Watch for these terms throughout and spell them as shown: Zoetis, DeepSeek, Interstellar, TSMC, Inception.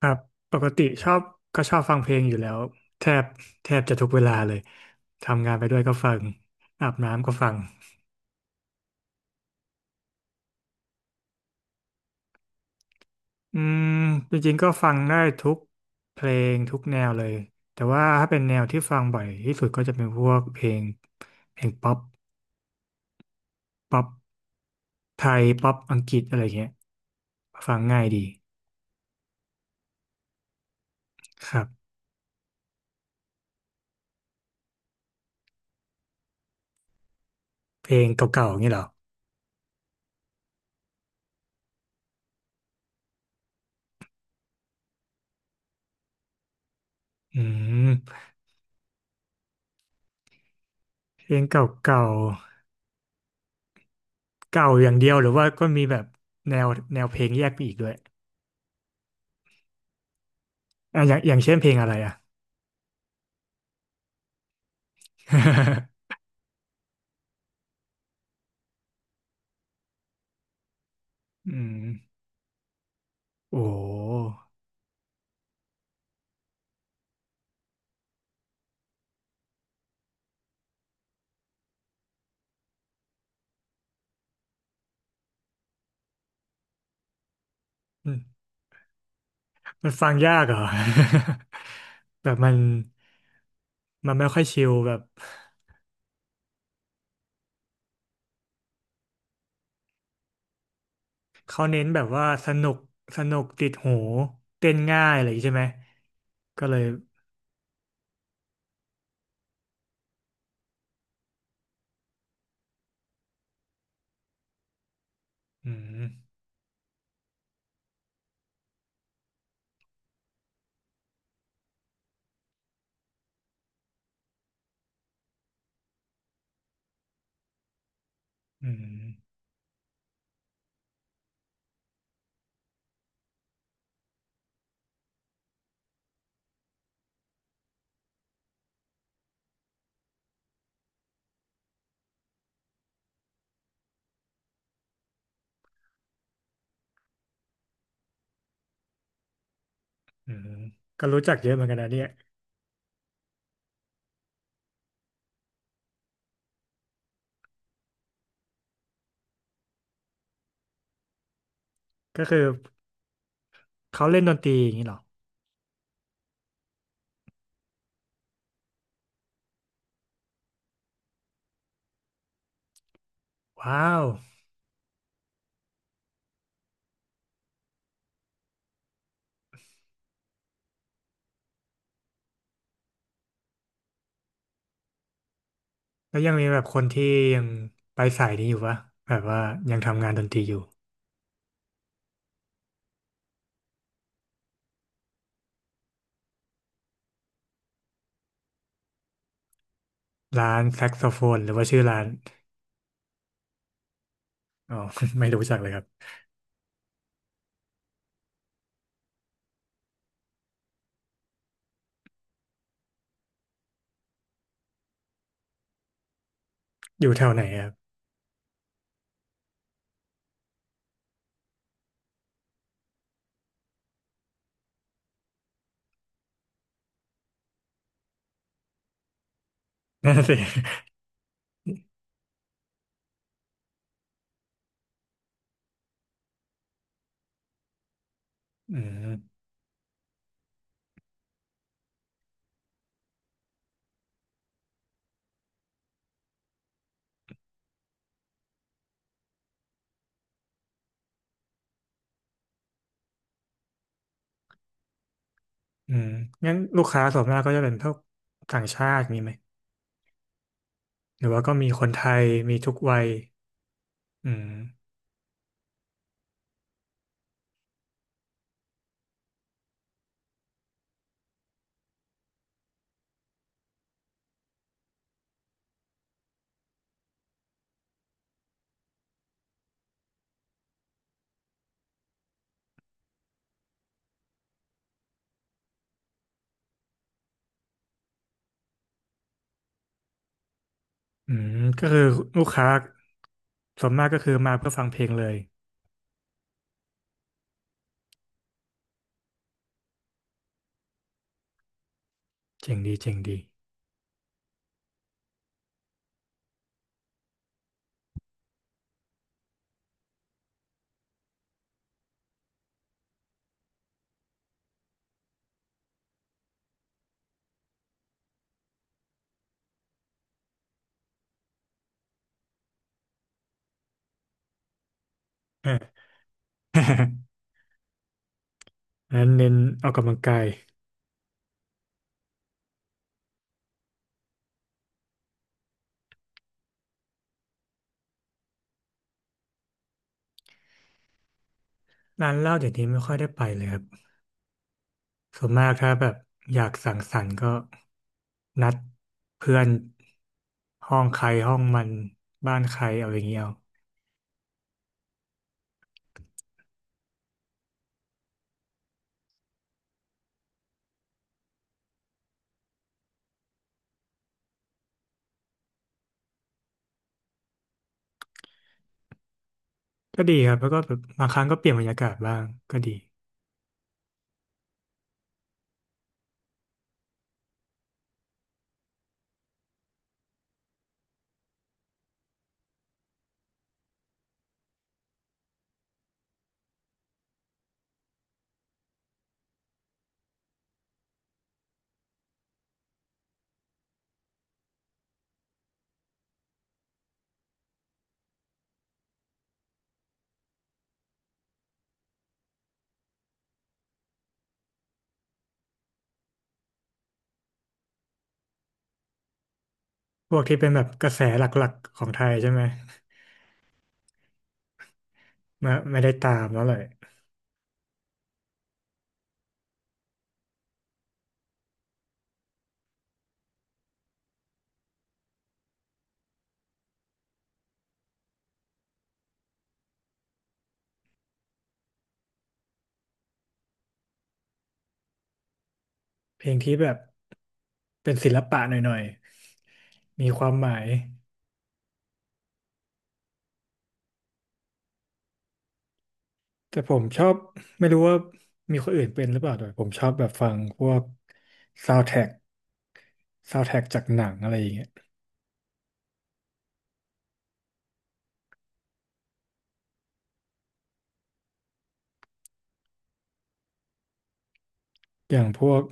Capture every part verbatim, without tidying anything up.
ครับปกติชอบก็ชอบฟังเพลงอยู่แล้วแทบแทบจะทุกเวลาเลยทำงานไปด้วยก็ฟังอาบน้ำก็ฟังอืมจริงๆก็ฟังได้ทุกเพลงทุกแนวเลยแต่ว่าถ้าเป็นแนวที่ฟังบ่อยที่สุดก็จะเป็นพวกเพลงเพลงป๊อปป๊อปไทยป๊อปอังกฤษอะไรเงี้ยฟังง่ายดีครับเพลงเก่าๆอย่างนี้เหรออืมเพลงเก่าๆเก่าอย่างเดียวหรือว่าก็มีแบบแนวแนวเพลงแยกไปอีกด้วยอ่ะอย่างอย่างเช่นเพลงอะไรอ่ะ อืมโอ้มันมันฟังยากเหรอ แบบมันมันไม่ค่อยชิลแบบเขาเน้นแบบว่าสนุกสนุกติดหูเต้นง่ายอะไรอย่างงี้ใช่ไหมก็เลยอืมอืมอืมก็รู้จักเยอะเหมือนกันนะเนี่ยก็คือเขาเล่นดนตรีอย่างนี้เหรอว้าวแล้วยังมีแบบคนที่ยังไปสายนี้อยู่ปะแบบว่ายังทำงานดนตรีอยู่ร้านแซกโซโฟนหรือว่าชื่อร้านอ๋อ ไม่รู้จักเลยครับอยู่แถวไหนครับ นั่นสิอืมอืมงั้นลูกค้าส่วนมากก็จะเป็นพวกต่างชาติมีไหมหรือว่าก็มีคนไทยมีทุกวัยอืมอืมก็คือลูกค้าส่วนมากก็คือมาเพื่อฟังเพลงเลยเจ๋งดีเจ๋งดีเออ งั้นเน้นออกกำลังกายร้านเหล้าเดี๋ยวนี้ไม่ค่อยได้ไปเลยครับส่วนมากถ้าแบบอยากสังสรรค์ก็นัดเพื่อนห้องใครห้องมันบ้านใครเอาอย่างเงี้ยเอาก็ดีครับแล้วก็แบบบางครั้งก็เปลี่ยนบรรยากาศบ้างก็ดี พวกที่เป็นแบบกระแสหลักๆของไทยใช่ไหมไม่ไม่ได้ตามแล้วเลยเพลงที่แบบเป็นศิลปะหน่อยๆมีความหมายแต่ผมชอบไม่รู้ว่ามีคนอื่นเป็นหรือเปล่าแต่ผมชอบแบบฟังพวกซาวด์แทร็กซาวด์แทร็กจากหนังอะไรอย่างเงี้ยอย่างพวก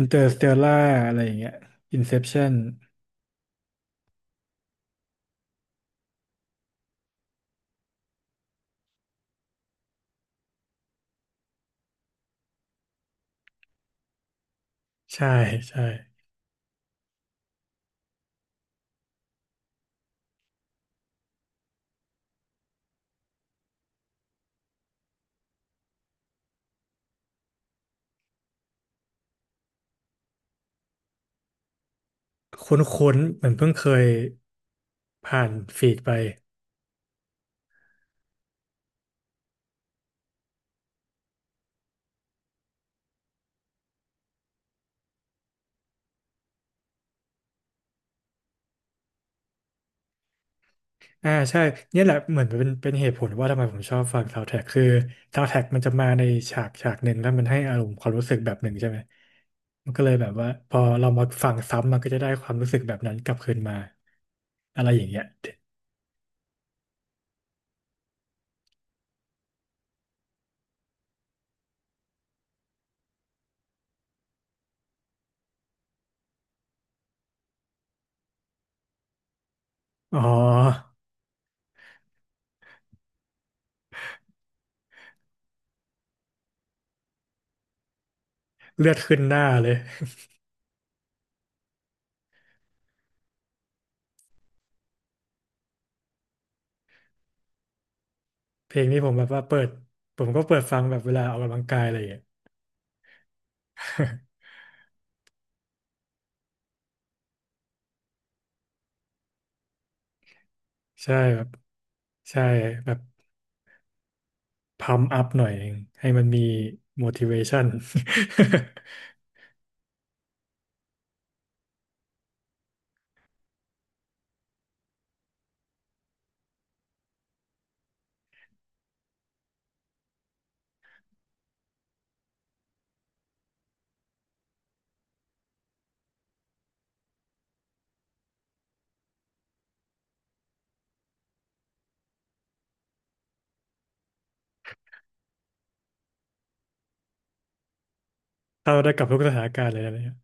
Interstellar อะไรอย่างเงี้ย Inception ใช่ใช่คุ้นๆเหมือนเพิ่งเคยผ่านฟีดไป อ่าใช่เนี่ยแหละเหมือนเป็นเป็นเหตุผลว่าทำไมผมชอบฟังซาว n d แท a ็กคือซาว n d แท a ็กมันจะมาในฉากฉากหนึ่งแล้วมันให้อารมณ์ความรู้สึกแบบหนึ่งใช่ไหมมันก็เลยแบบว่าพอเรามาฟังซ้ำมันก็จะได้ความรู้สึกแบบนั้นกลับคืนมาอะไรอย่างเงี้ยอ๋อเลือดขึ้นหน้าเลยเพลงนี้ผมแบบว่าเปิดผมก็เปิดฟังแบบเวลาออกกำลังกายอะไรอย่างเงี้ย ใช่แบบใช่แบบพัมอัพหน่อยหนึ่งให้มันมี motivation เข้าได้กับทุกสถานการณ์เลยนะเนี่ย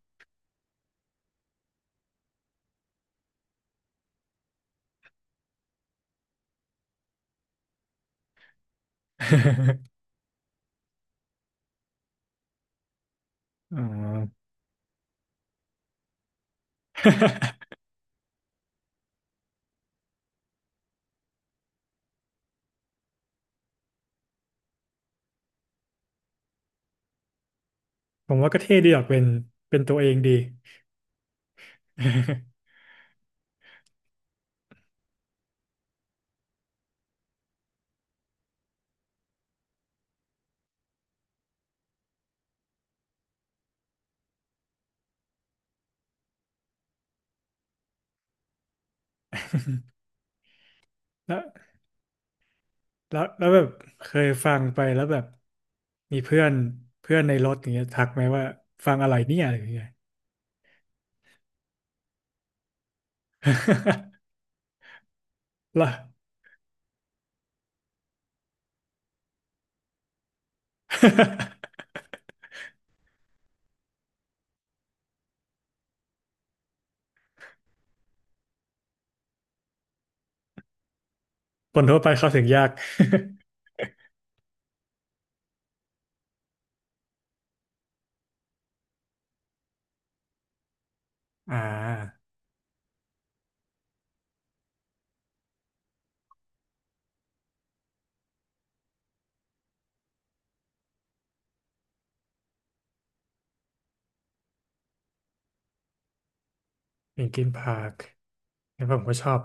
อ๋อ ผมว่าก็เท่ดีออกเป็นเป็นตัวเองดี แล้วแล้วแล้วแบบเคยฟังไปแล้วแบบมีเพื่อนเพื่อนในรถอย่างเงี้ยทักไหมว่าฟังอะไรเนี่ยอะไรอย่างเงี้ย ล่ะ คนทั่วไปเข้าถึงยาก อ่าเป็นกินพาร์คผมก็ชอบ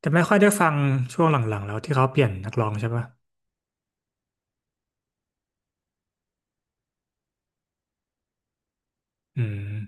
แต่ไม่ค่อยได้ฟังช่วงหลังๆแล้วที่เขาเปลี่ยนนักร้องใช่ปะอืม